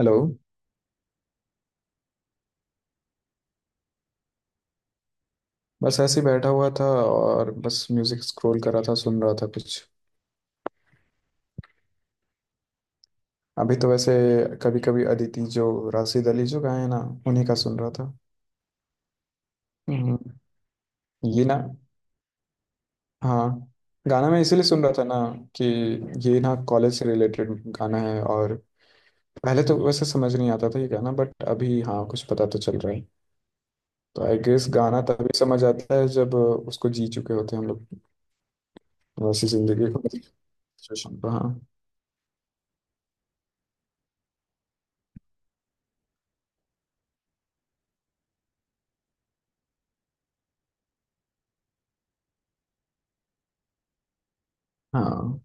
Hello. बस ऐसे ही बैठा हुआ था और बस म्यूजिक स्क्रॉल कर रहा था, सुन रहा था कुछ। अभी तो वैसे कभी कभी अदिति जो राशिद अली जो गाए हैं ना, उन्हीं का सुन रहा था। हम्म। ये ना। हाँ। गाना मैं इसीलिए सुन रहा था ना कि ये ना कॉलेज से रिलेटेड गाना है। और पहले तो वैसे समझ नहीं आता था ये गाना, बट अभी हाँ कुछ पता तो चल रहा है। तो आई गेस गाना तभी समझ आता है जब उसको जी चुके होते हैं हम लोग, वैसी जिंदगी को। सिचुएशन तो हाँ। हाँ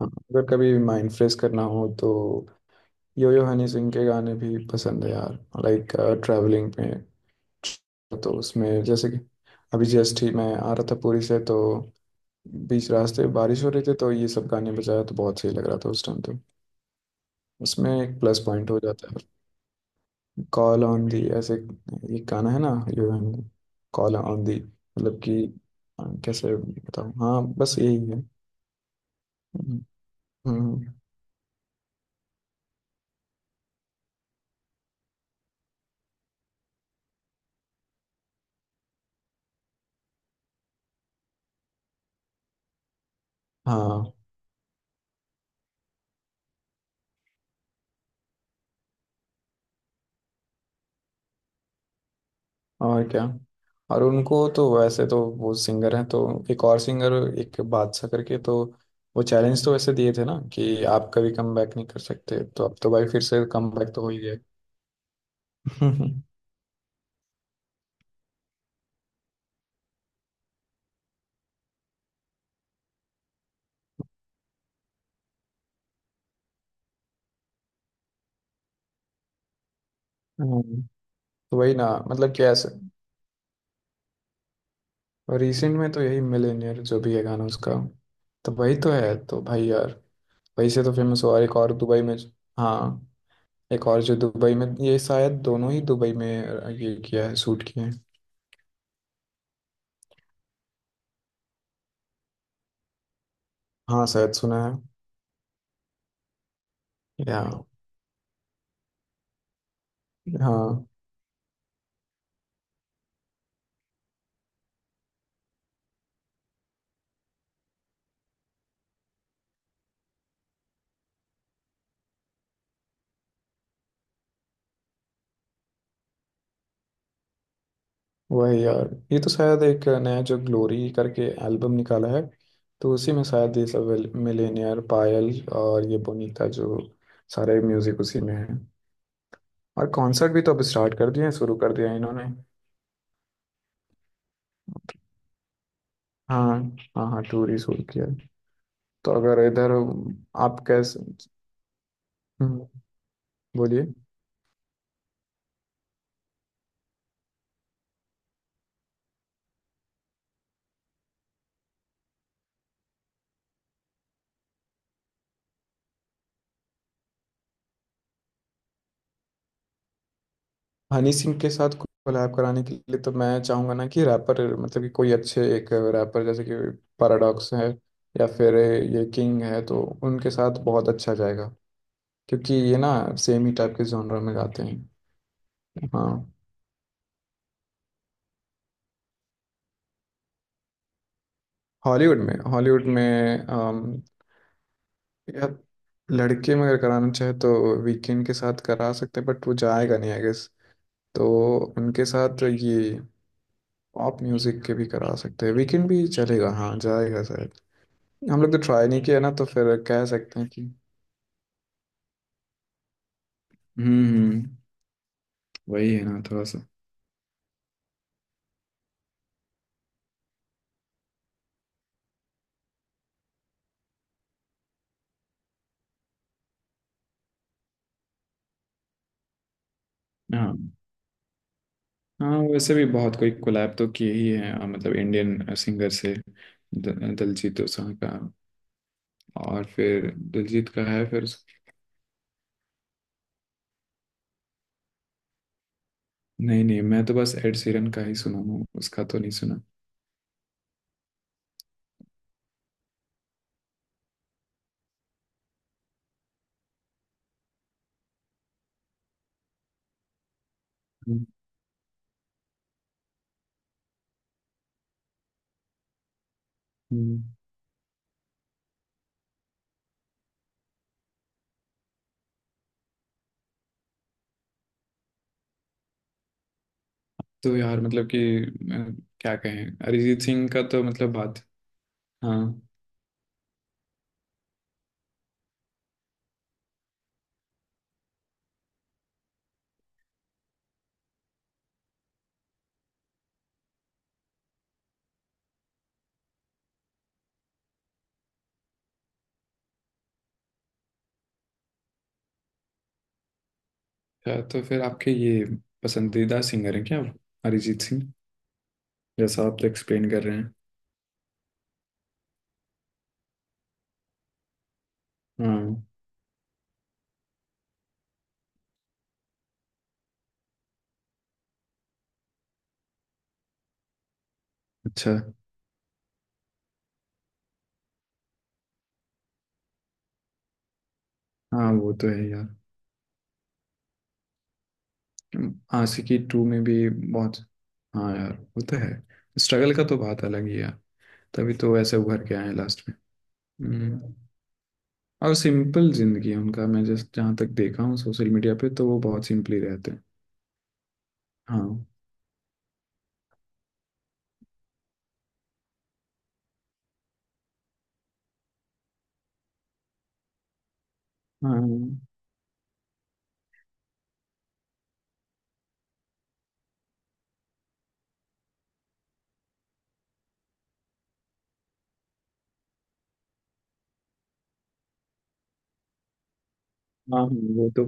हाँ, अगर कभी माइंड फ्रेश करना हो तो यो यो हनी सिंह के गाने भी पसंद है यार। लाइक, ट्रैवलिंग में। तो उसमें जैसे कि अभी जस्ट ही मैं आ रहा था पुरी से, तो बीच रास्ते बारिश हो रही थी, तो ये सब गाने बजाया तो बहुत सही लग रहा था उस टाइम तो। उसमें एक प्लस पॉइंट हो जाता है। कॉल ऑन दी ऐसे एक गाना है ना, yo honey. Call on the मतलब कि कैसे बताऊँ। हाँ बस यही है। हम्म। हम्म। हाँ। और क्या। और उनको तो वैसे तो वो सिंगर हैं तो एक और सिंगर, एक बादशाह करके, तो वो चैलेंज तो वैसे दिए थे ना कि आप कभी कम बैक नहीं कर सकते, तो अब तो भाई फिर से कम बैक तो हो ही गया। हम्म, तो वही ना, मतलब कि ऐसे रिसेंट में तो यही मिलेनियर जो भी है गाना उसका, तो वही तो है तो भाई यार। वही से तो फेमस हुआ। और एक और दुबई में। हाँ। एक और जो दुबई में, ये शायद दोनों ही दुबई में ये किया है, शूट किए हैं। हाँ शायद सुना है। या हाँ। वही यार, ये तो शायद एक नया जो ग्लोरी करके एल्बम निकाला है, तो उसी में शायद ये सब मिलेनियर, पायल और ये बोनीता जो सारे म्यूजिक उसी में है। और कॉन्सर्ट भी तो अब स्टार्ट कर दिए हैं, शुरू कर दिया है इन्होंने। हाँ हाँ। हाँ, टूर ही शुरू किया है। तो अगर इधर आप कैसे। हम्म। बोलिए। हनी सिंह के साथ कोलैब कराने के लिए तो मैं चाहूंगा ना कि रैपर, मतलब कि कोई अच्छे एक रैपर, जैसे कि पैराडॉक्स है, या फिर ये किंग है, तो उनके साथ बहुत अच्छा जाएगा क्योंकि ये ना सेम ही टाइप के जॉनर में गाते हैं। हाँ। हॉलीवुड में, हॉलीवुड में या लड़के में अगर कराना चाहे तो वीकेंड के साथ करा सकते हैं, बट वो जाएगा नहीं आई गेस। तो उनके साथ ये पॉप म्यूजिक के भी करा सकते हैं, वीकेंड भी चलेगा, हाँ जाएगा शायद। हम लोग तो ट्राई नहीं किया ना, तो फिर कह सकते हैं कि। हम्म। वही है ना थोड़ा सा। हाँ हाँ, वैसे भी बहुत कोई कोलैब तो किए ही है, मतलब इंडियन सिंगर से दिलजीत दोसांझ का, और फिर दिलजीत का है फिर। नहीं नहीं, मैं तो बस एड सीरन का ही सुना हूँ, उसका तो नहीं सुना। हम्म। हम्म। तो यार मतलब कि क्या कहें, अरिजीत सिंह का तो मतलब बात। हाँ। अच्छा, तो फिर आपके ये पसंदीदा सिंगर हैं क्या, अरिजीत सिंह, जैसा आप तो एक्सप्लेन कर रहे हैं। हाँ। अच्छा। हाँ वो तो है यार। आशिकी टू में भी बहुत। हाँ यार वो तो है, स्ट्रगल का तो बात अलग ही है यार, तभी तो वैसे उभर के आए हैं लास्ट में। हम्म। और सिंपल जिंदगी है उनका, मैं जस्ट जहाँ तक देखा हूँ सोशल मीडिया पे, तो वो बहुत सिंपली रहते हैं। हाँ। हाँ। हाँ वो तो,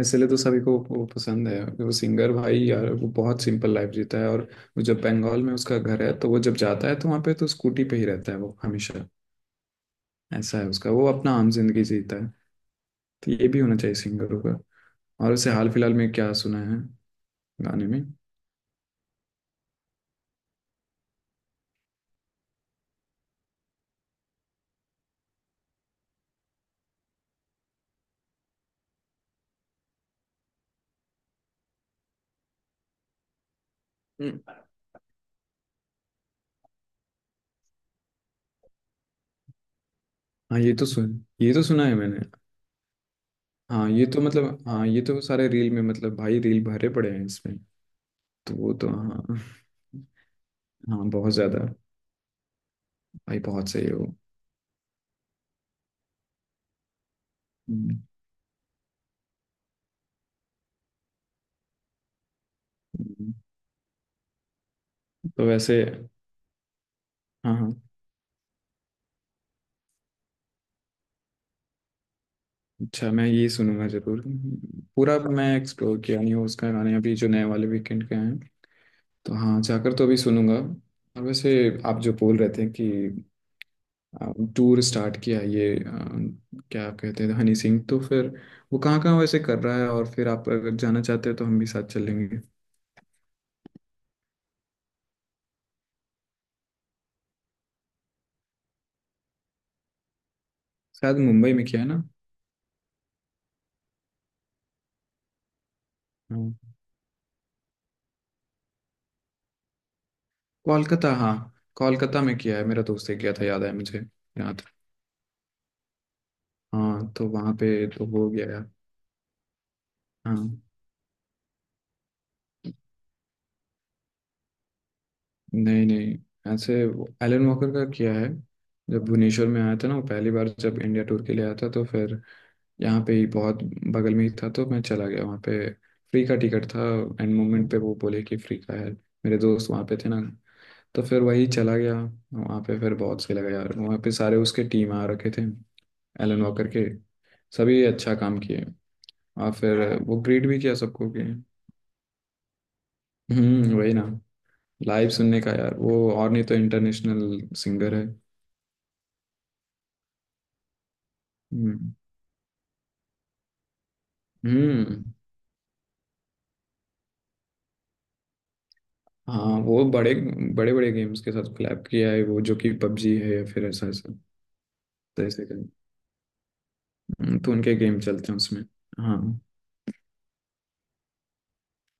इसलिए तो सभी को वो पसंद है, वो सिंगर भाई यार, वो बहुत सिंपल लाइफ जीता है। और वो, जब बंगाल में उसका घर है तो वो जब जाता है तो वहाँ पे तो स्कूटी पे ही रहता है वो, हमेशा। ऐसा है उसका, वो अपना आम जिंदगी जीता है। तो ये भी होना चाहिए सिंगरों का। और उसे हाल फिलहाल में क्या सुना है गाने में। हम्म। हाँ ये तो सुन, ये तो सुना है मैंने। हाँ ये तो, मतलब हाँ, ये तो सारे रील में, मतलब भाई रील भरे पड़े हैं इसमें। तो वो तो हाँ। हाँ बहुत ज्यादा। भाई बहुत सही है वो। हम्म। हम्म। तो वैसे। हाँ हाँ, अच्छा मैं ये सुनूंगा जरूर। पूरा मैं एक्सप्लोर किया नहीं हूँ उसका, गाने अभी जो नए वाले वीकेंड के हैं, तो हाँ जाकर तो अभी सुनूंगा। और वैसे आप जो बोल रहे थे कि आ, टूर स्टार्ट किया ये, क्या कहते हैं हनी सिंह, तो फिर वो कहाँ कहाँ वैसे कर रहा है, और फिर आप अगर जाना चाहते हो तो हम भी साथ चलेंगे। शायद मुंबई में किया है ना। हाँ। कोलकाता। हाँ कोलकाता में किया है, मेरा दोस्त ने किया था, याद है मुझे, याद। हाँ तो वहाँ पे तो हो गया है। हाँ। नहीं नहीं, ऐसे एलन वॉकर का किया है, जब भुवनेश्वर में आया था ना, वो पहली बार जब इंडिया टूर के लिए आया था, तो फिर यहाँ पे ही, बहुत बगल में ही था, तो मैं चला गया वहाँ पे। फ्री का टिकट था, एंड मोमेंट पे वो बोले कि फ्री का है। मेरे दोस्त वहाँ पे थे ना, तो फिर वही चला गया वहाँ पे, फिर बहुत सही लगा यार। वहाँ पे सारे उसके टीम आ रखे थे, एलन वॉकर के। सभी अच्छा काम किए। और फिर वो ग्रीट भी किया सबको कि। हम्म। वही ना, लाइव सुनने का यार वो, और नहीं तो इंटरनेशनल सिंगर है। हम्म। हम्म। हाँ वो बड़े बड़े बड़े गेम्स के साथ कोलैब किया है वो, जो कि पबजी है या फिर ऐसा ऐसा, जैसे कि। तो उनके गेम चलते हैं उसमें। हाँ।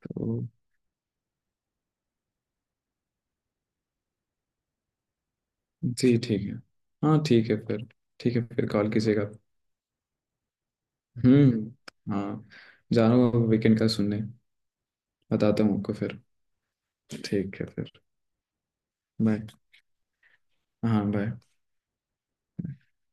तो जी ठीक है। हाँ ठीक है फिर। ठीक है फिर, कॉल कीजिएगा। हम्म। हाँ, जा रहा हूँ वीकेंड का सुनने। बताता हूँ आपको फिर। ठीक है फिर। बाय। हाँ बाय।